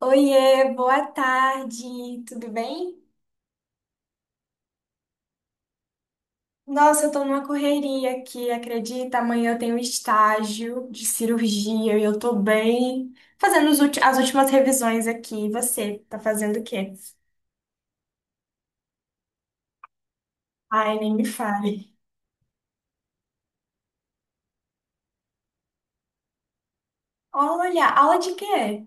Oiê, boa tarde, tudo bem? Nossa, eu tô numa correria aqui, acredita? Amanhã eu tenho estágio de cirurgia e eu tô bem fazendo os as últimas revisões aqui. E você, tá fazendo o quê? Ai, nem me fale. Olha, aula de quê?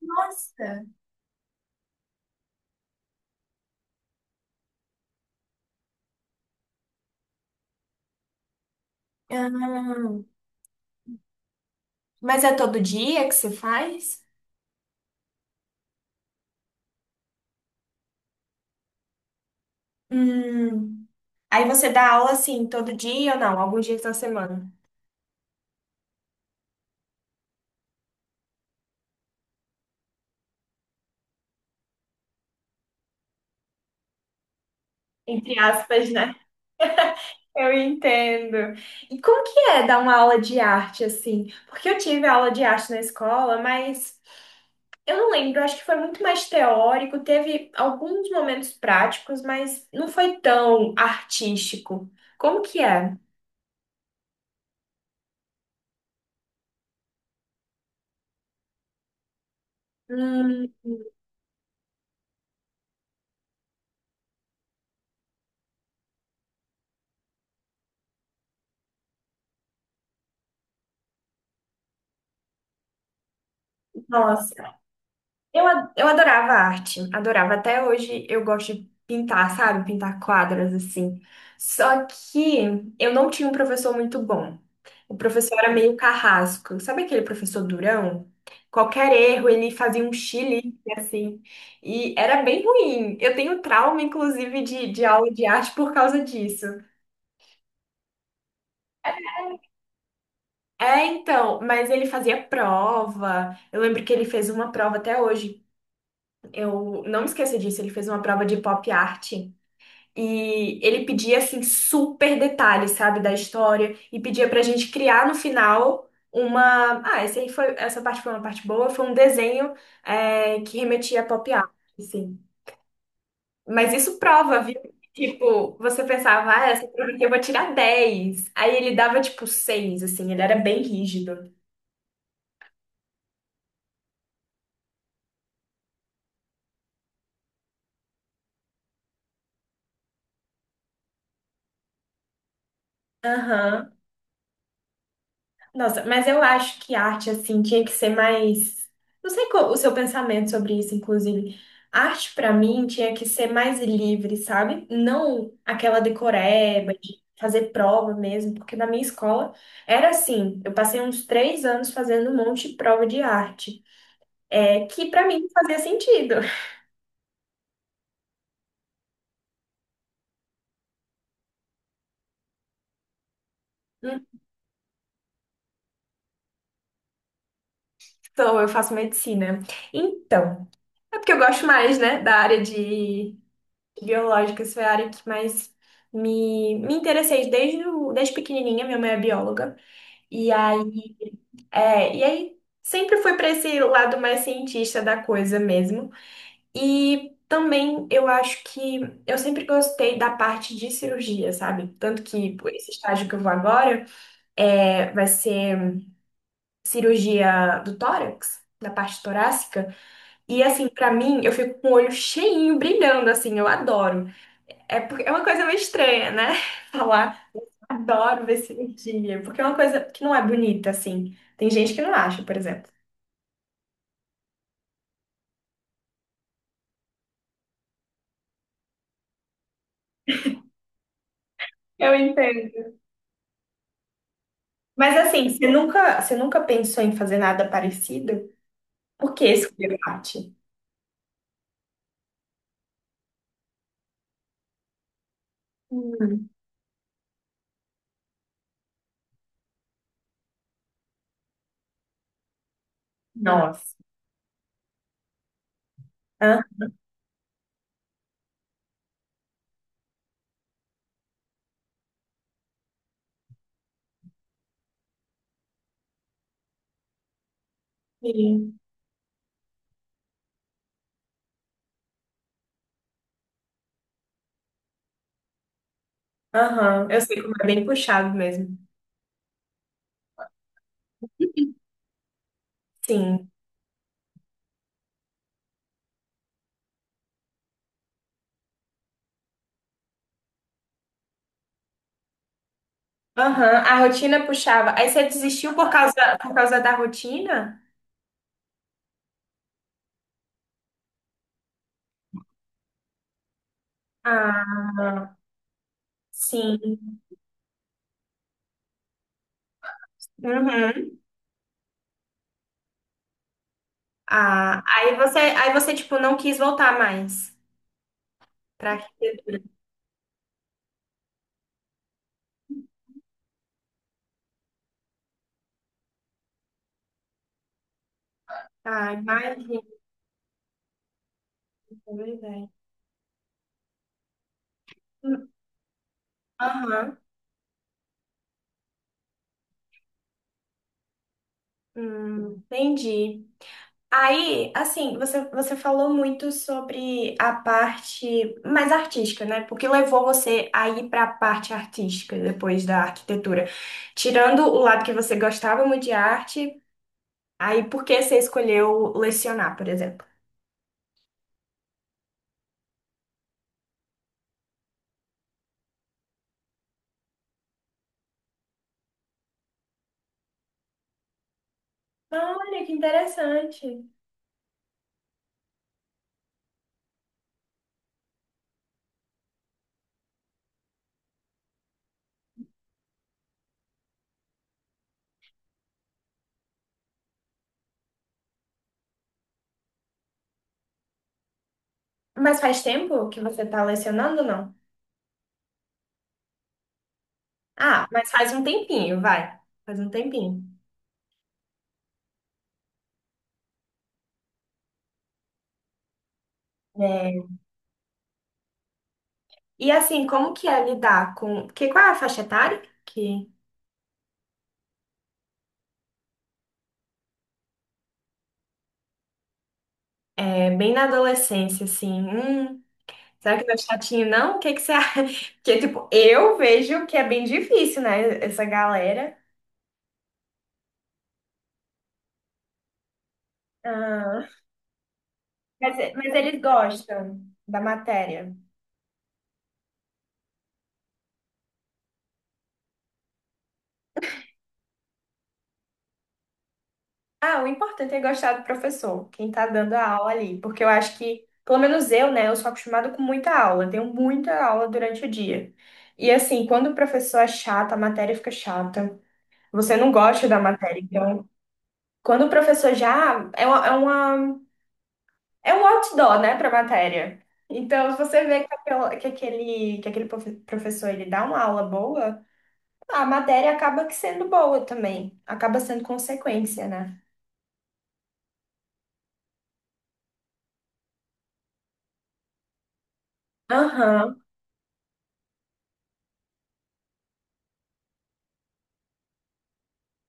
Nossa. Ah, mas é todo dia que você faz? Hum. Aí você dá aula assim, todo dia ou não? Alguns dias da semana? Entre aspas, né? Eu entendo. E como que é dar uma aula de arte assim? Porque eu tive aula de arte na escola, mas eu não lembro, acho que foi muito mais teórico, teve alguns momentos práticos, mas não foi tão artístico. Como que é? Hum, nossa. Eu adorava arte, adorava. Até hoje eu gosto de pintar, sabe? Pintar quadras assim. Só que eu não tinha um professor muito bom. O professor era meio carrasco. Sabe aquele professor durão? Qualquer erro, ele fazia um chilique assim. E era bem ruim. Eu tenho trauma, inclusive, de aula de arte por causa disso. É, então, mas ele fazia prova. Eu lembro que ele fez uma prova até hoje. Eu não me esqueço disso, ele fez uma prova de pop art. E ele pedia assim super detalhes, sabe, da história e pedia pra gente criar no final uma, ah, essa aí foi, essa parte foi uma parte boa, foi um desenho que remetia a pop art, assim. Mas isso prova, viu? Tipo, você pensava, ah, essa prova aqui eu vou tirar 10. Aí ele dava tipo 6 assim, ele era bem rígido. Aham. Nossa, mas eu acho que arte, assim, tinha que ser mais. Não sei qual o seu pensamento sobre isso, inclusive. Arte, pra mim, tinha que ser mais livre, sabe? Não aquela decoreba de fazer prova mesmo, porque na minha escola era assim. Eu passei uns 3 anos fazendo um monte de prova de arte, que pra mim não fazia sentido. Então, eu faço medicina. Então, é porque eu gosto mais, né, da área de biológicas foi a área que mais me, me interessei desde, desde pequenininha. Minha mãe é bióloga. E aí, e aí sempre fui para esse lado mais cientista da coisa mesmo. E também eu acho que eu sempre gostei da parte de cirurgia, sabe? Tanto que pô, esse estágio que eu vou agora vai ser cirurgia do tórax. Da parte torácica. E assim, para mim, eu fico com o olho cheinho, brilhando, assim, eu adoro. É uma coisa meio estranha, né? Falar, adoro ver cirurgia, porque é uma coisa que não é bonita, assim. Tem gente que não acha, por exemplo. Eu entendo. Mas assim, você nunca pensou em fazer nada parecido? Por que escolher arte? Hum, Nossa. Hã? Sim. Aham. Eu sei como é bem puxado mesmo. Sim. Aham. A rotina puxava. Aí você desistiu por causa da rotina? Ah, sim. Uhum. Ah, aí você, tipo, não quis voltar mais pra arquitetura. Ah, imagina, é verdade. Hum, Aham, entendi. Aí, assim, você falou muito sobre a parte mais artística, né? Porque levou você a ir para a parte artística depois da arquitetura. Tirando o lado que você gostava muito de arte, aí por que você escolheu lecionar, por exemplo? Olha, que interessante. Mas faz tempo que você está lecionando, ou não? Ah, mas faz um tempinho, vai. Faz um tempinho. É, e assim, como que é lidar com... Que, qual é a faixa etária? Que é bem na adolescência, assim. Será que não é chatinho, não? O que que você acha? Porque, tipo, eu vejo que é bem difícil, né? Essa galera. Ah, mas eles gostam da matéria. Ah, o importante é gostar do professor, quem tá dando a aula ali, porque eu acho que, pelo menos eu, né, eu sou acostumada com muita aula, tenho muita aula durante o dia. E assim, quando o professor é chato, a matéria fica chata. Você não gosta da matéria, então, quando o professor já é uma, é uma- é um outdoor, né, pra matéria. Então, se você vê que aquela- que aquele, professor ele dá uma aula boa, a matéria acaba que sendo boa também, acaba sendo consequência, né? Aham.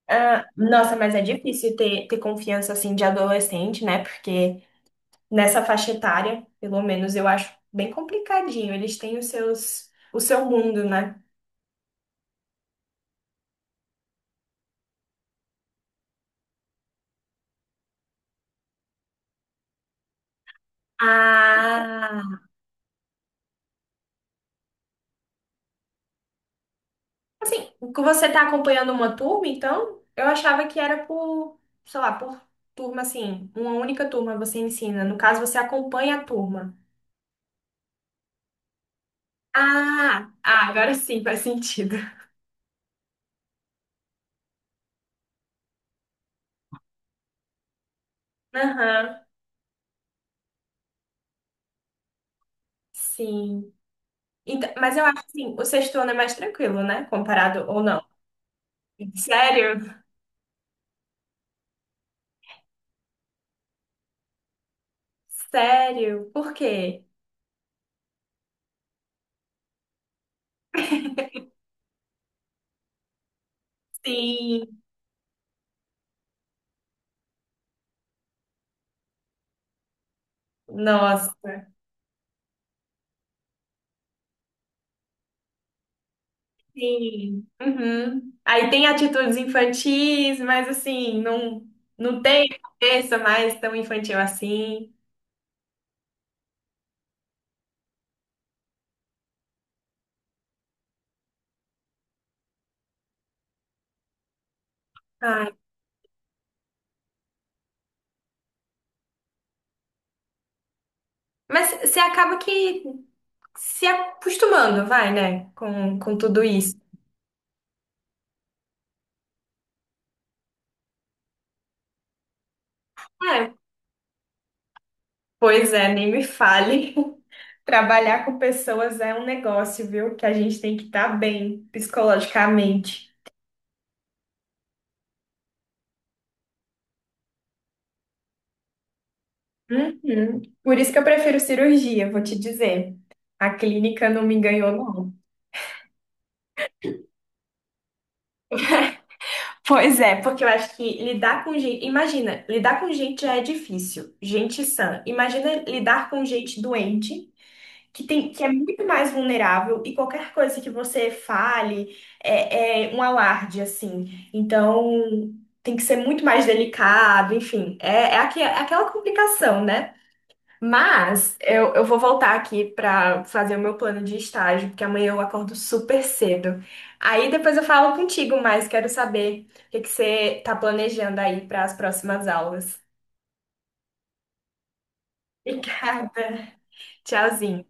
Ah, nossa, mas é difícil ter confiança assim de adolescente, né? Porque nessa faixa etária, pelo menos eu acho bem complicadinho. Eles têm os seus, o seu mundo, né? Ah, assim, que você tá acompanhando uma turma, então eu achava que era por, sei lá, por turma assim, uma única turma você ensina. No caso, você acompanha a turma. Ah, ah, agora sim faz sentido. Aham, sim. Então, mas eu acho assim, o sexto ano é mais tranquilo, né? Comparado ou não? Sério? Sério? Por quê? Sim. Nossa. Sim. Uhum. Aí tem atitudes infantis, mas assim, não, não tem cabeça mais tão infantil assim. Ai. Mas você acaba que se acostumando, vai, né? Com tudo isso. É. Pois é, nem me fale. Trabalhar com pessoas é um negócio, viu? Que a gente tem que estar bem psicologicamente. Uhum. Por isso que eu prefiro cirurgia, vou te dizer. A clínica não me enganou, não. Pois é, porque eu acho que lidar com gente. Imagina, lidar com gente já é difícil. Gente sã. Imagina lidar com gente doente, que tem, que é muito mais vulnerável e qualquer coisa que você fale é um alarde, assim. Então, tem que ser muito mais delicado, enfim. É aquela complicação, né? Mas eu vou voltar aqui para fazer o meu plano de estágio, porque amanhã eu acordo super cedo. Aí depois eu falo contigo, mas quero saber o que que você está planejando aí para as próximas aulas. Obrigada. Tchauzinho.